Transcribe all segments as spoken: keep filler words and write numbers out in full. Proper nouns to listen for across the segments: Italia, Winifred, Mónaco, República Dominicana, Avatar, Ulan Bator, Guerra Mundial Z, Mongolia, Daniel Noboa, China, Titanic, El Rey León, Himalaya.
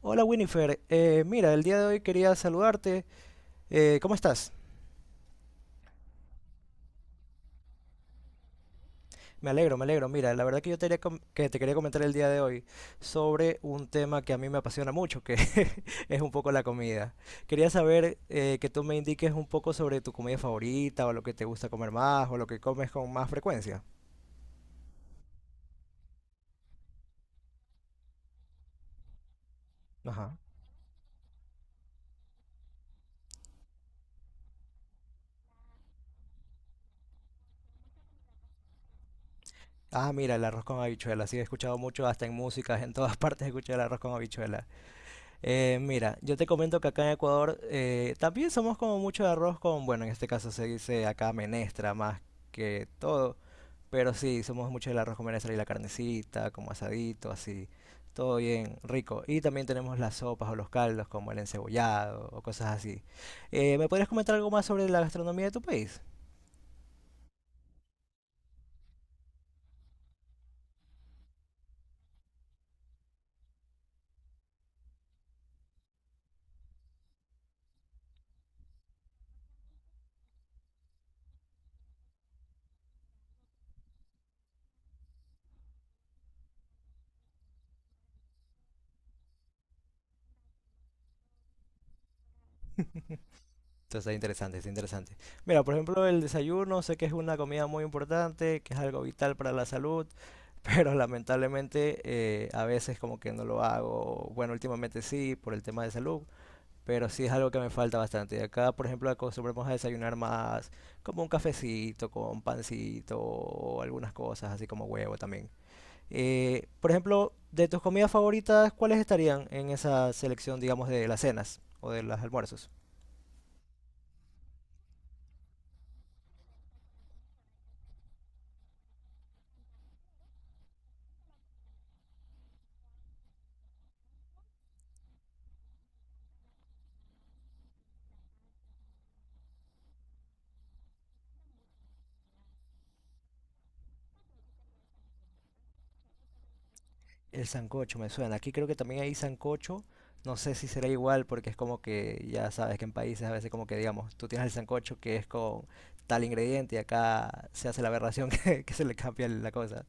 Hola Winifred. Eh, mira, el día de hoy quería saludarte. Eh, ¿cómo estás? Me alegro, me alegro. Mira, la verdad que yo te, haría com- que te quería comentar el día de hoy sobre un tema que a mí me apasiona mucho, que es un poco la comida. Quería saber eh, que tú me indiques un poco sobre tu comida favorita o lo que te gusta comer más o lo que comes con más frecuencia. Ajá. Ah, mira, el arroz con habichuela. Sí, he escuchado mucho, hasta en músicas, en todas partes he escuchado el arroz con habichuela. Eh, mira, yo te comento que acá en Ecuador eh, también somos como mucho de arroz con, bueno, en este caso se dice acá menestra más que todo, pero sí, somos mucho del arroz con menestra y la carnecita, como asadito, así, todo bien rico. Y también tenemos las sopas o los caldos como el encebollado o cosas así. Eh, ¿me podrías comentar algo más sobre la gastronomía de tu país? Esto está interesante, está interesante. Mira, por ejemplo, el desayuno, sé que es una comida muy importante, que es algo vital para la salud. Pero lamentablemente eh, a veces como que no lo hago. Bueno, últimamente sí, por el tema de salud, pero sí es algo que me falta bastante. Y acá, por ejemplo, acostumbramos a desayunar más como un cafecito, con pancito o algunas cosas, así como huevo también. Eh, por ejemplo, de tus comidas favoritas, ¿cuáles estarían en esa selección, digamos, de las cenas o de los almuerzos? El sancocho me suena. Aquí creo que también hay sancocho. No sé si será igual porque es como que ya sabes que en países a veces como que digamos, tú tienes el sancocho que es con tal ingrediente y acá se hace la aberración que, que se le cambia la cosa.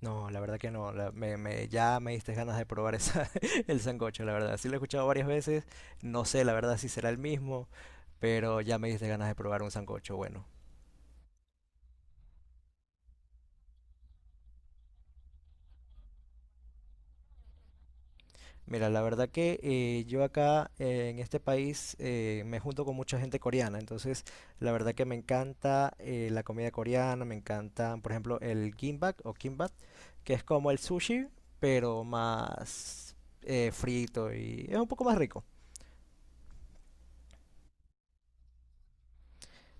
No, la verdad que no. La- me, me- ya me diste ganas de probar esa, el sancocho, la verdad. Sí lo he escuchado varias veces. No sé, la verdad, si será el mismo, pero ya me diste ganas de probar un sancocho bueno. Mira, la verdad que eh, yo acá eh, en este país eh, me junto con mucha gente coreana, entonces la verdad que me encanta eh, la comida coreana, me encantan, por ejemplo, el gimbap o kimbap, que es como el sushi, pero más eh, frito y es un poco más rico.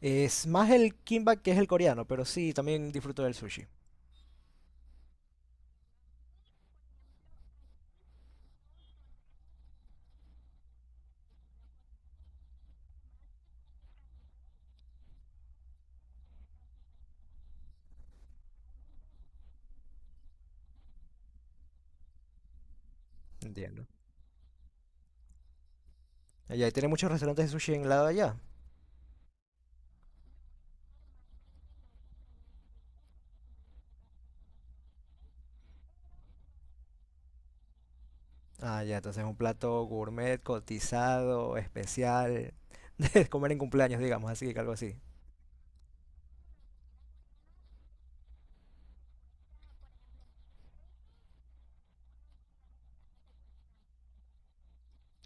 Es más el kimbap que es el coreano, pero sí, también disfruto del sushi. Entiendo. Allá y tiene muchos restaurantes de sushi en el lado de allá. Ah, ya, entonces es un plato gourmet, cotizado, especial, de comer en cumpleaños, digamos, así, algo así.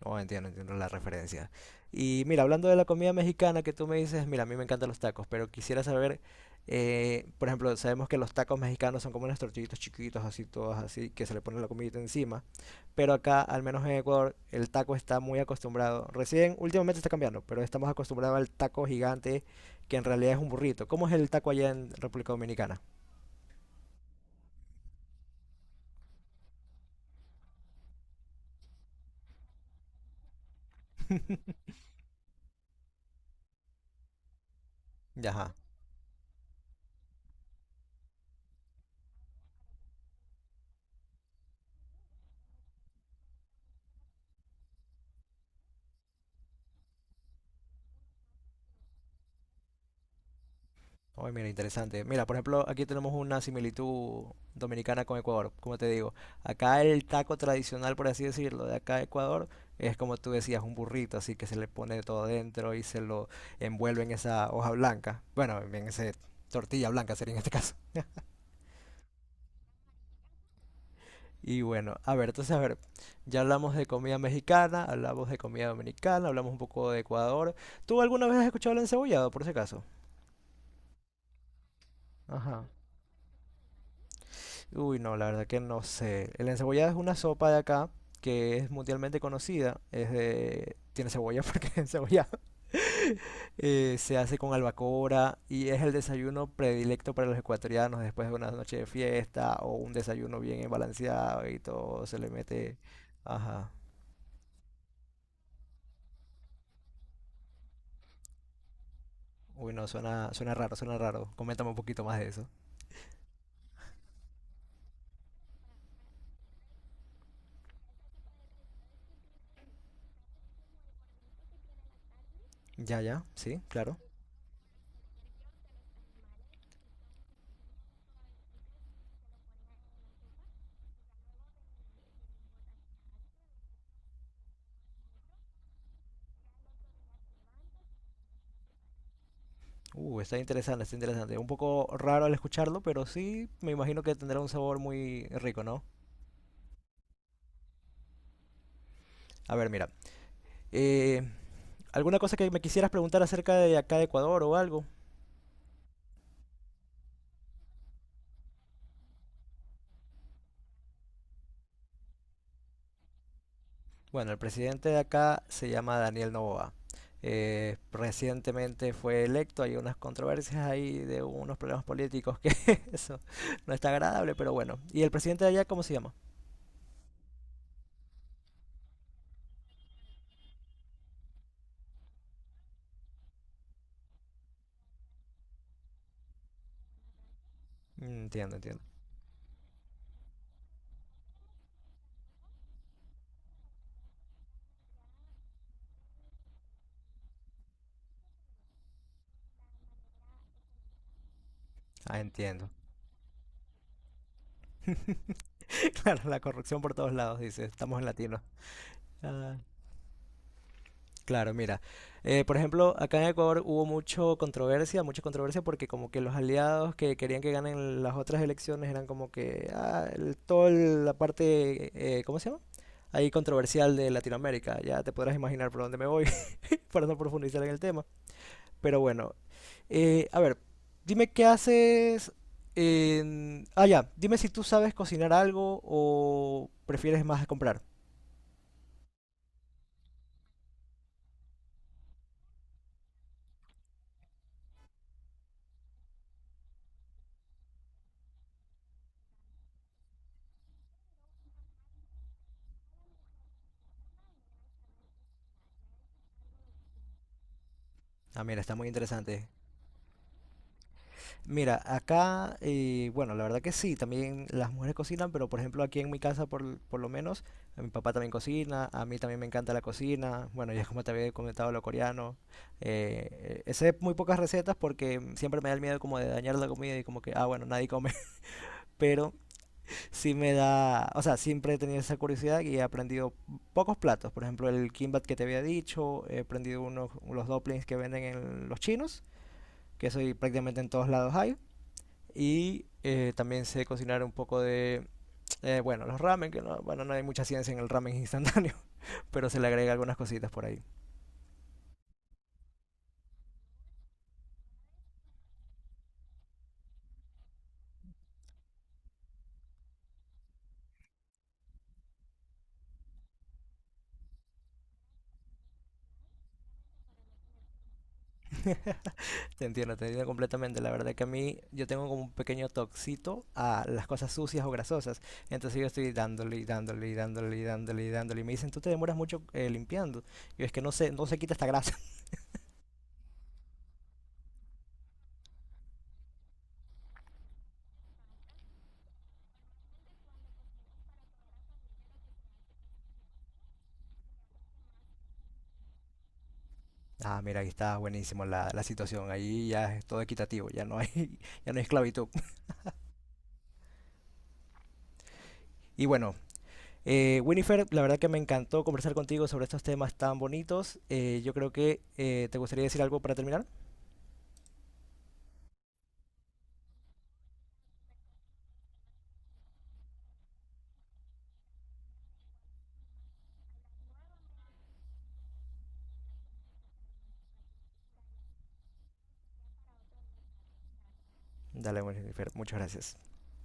Oh, entiendo, entiendo la referencia. Y mira, hablando de la comida mexicana que tú me dices, mira, a mí me encantan los tacos, pero quisiera saber, eh, por ejemplo, sabemos que los tacos mexicanos son como unos tortillitos chiquitos, así, todos así, que se le pone la comidita encima, pero acá, al menos en Ecuador, el taco está muy acostumbrado. Recién, últimamente está cambiando, pero estamos acostumbrados al taco gigante, que en realidad es un burrito. ¿Cómo es el taco allá en República Dominicana? Ya, ajá. Oye, mira, interesante. Mira, por ejemplo, aquí tenemos una similitud dominicana con Ecuador. Como te digo, acá el taco tradicional, por así decirlo, de acá de Ecuador, es como tú decías, un burrito, así que se le pone todo dentro y se lo envuelve en esa hoja blanca. Bueno, en esa tortilla blanca sería en este caso. Y bueno, a ver, entonces, a ver, ya hablamos de comida mexicana, hablamos de comida dominicana, hablamos un poco de Ecuador. ¿Tú alguna vez has escuchado el encebollado, por ese caso? Ajá. Uy, no, la verdad que no sé. El encebollado es una sopa de acá que es mundialmente conocida. Es de... Tiene cebolla porque es encebollado. Eh, se hace con albacora y es el desayuno predilecto para los ecuatorianos después de una noche de fiesta o un desayuno bien balanceado y todo se le mete. Ajá. Uy, no, suena, suena raro, suena raro. Coméntame un poquito más de eso. Ya, ya, sí, claro. Uh, está interesante, está interesante. Un poco raro al escucharlo, pero sí me imagino que tendrá un sabor muy rico, ¿no? A ver, mira. eh, ¿Alguna cosa que me quisieras preguntar acerca de acá de Ecuador o algo? Bueno, el presidente de acá se llama Daniel Noboa. Eh, recientemente fue electo, hay unas controversias ahí de unos problemas políticos que eso no está agradable, pero bueno. ¿Y el presidente de allá cómo se llama? Mm, entiendo, entiendo. Ah, entiendo. Claro, la corrupción por todos lados, dice. Estamos en latino. Ah. Claro, mira, eh, por ejemplo, acá en Ecuador hubo mucho controversia, mucha controversia porque como que los aliados que querían que ganen las otras elecciones eran como que ah, el- toda el- la parte, eh, ¿cómo se llama? Ahí controversial de Latinoamérica. Ya te podrás imaginar por dónde me voy para no profundizar en el tema. Pero bueno, eh, a ver, dime qué haces en... Ah, ya, dime si tú sabes cocinar algo o prefieres más comprar. Ah, mira, está muy interesante. Mira, acá, eh, bueno, la verdad que sí, también las mujeres cocinan, pero por ejemplo aquí en mi casa por, por lo menos, a mi papá también cocina, a mí también me encanta la cocina, bueno, ya como te había comentado lo coreano, eh, eh, sé muy pocas recetas porque siempre me da el miedo como de dañar la comida y como que, ah, bueno, nadie come, pero sí me da, o sea, siempre he tenido esa curiosidad y he aprendido pocos platos, por ejemplo el kimbap que te había dicho, he aprendido unos, los dumplings que venden en los chinos, que eso y prácticamente en todos lados hay. Y eh, también sé cocinar un poco de, eh, bueno, los ramen, que no, bueno, no hay mucha ciencia en el ramen instantáneo, pero se le agrega algunas cositas por ahí. Te entiendo, te entiendo completamente. La verdad que a mí yo tengo como un pequeño toxito a las cosas sucias o grasosas. Entonces yo estoy dándole y dándole y dándole y dándole y dándole. Y me dicen, tú te demoras mucho eh, limpiando. Yo es que no se, no se quita esta grasa. Ah, mira, aquí está buenísimo la, la situación. Ahí ya es todo equitativo, ya no hay, ya no hay esclavitud. Y bueno, Eh, Winifred, la verdad que me encantó conversar contigo sobre estos temas tan bonitos. Eh, yo creo que eh, te gustaría decir algo para terminar. Dale, Winifred, muchas gracias.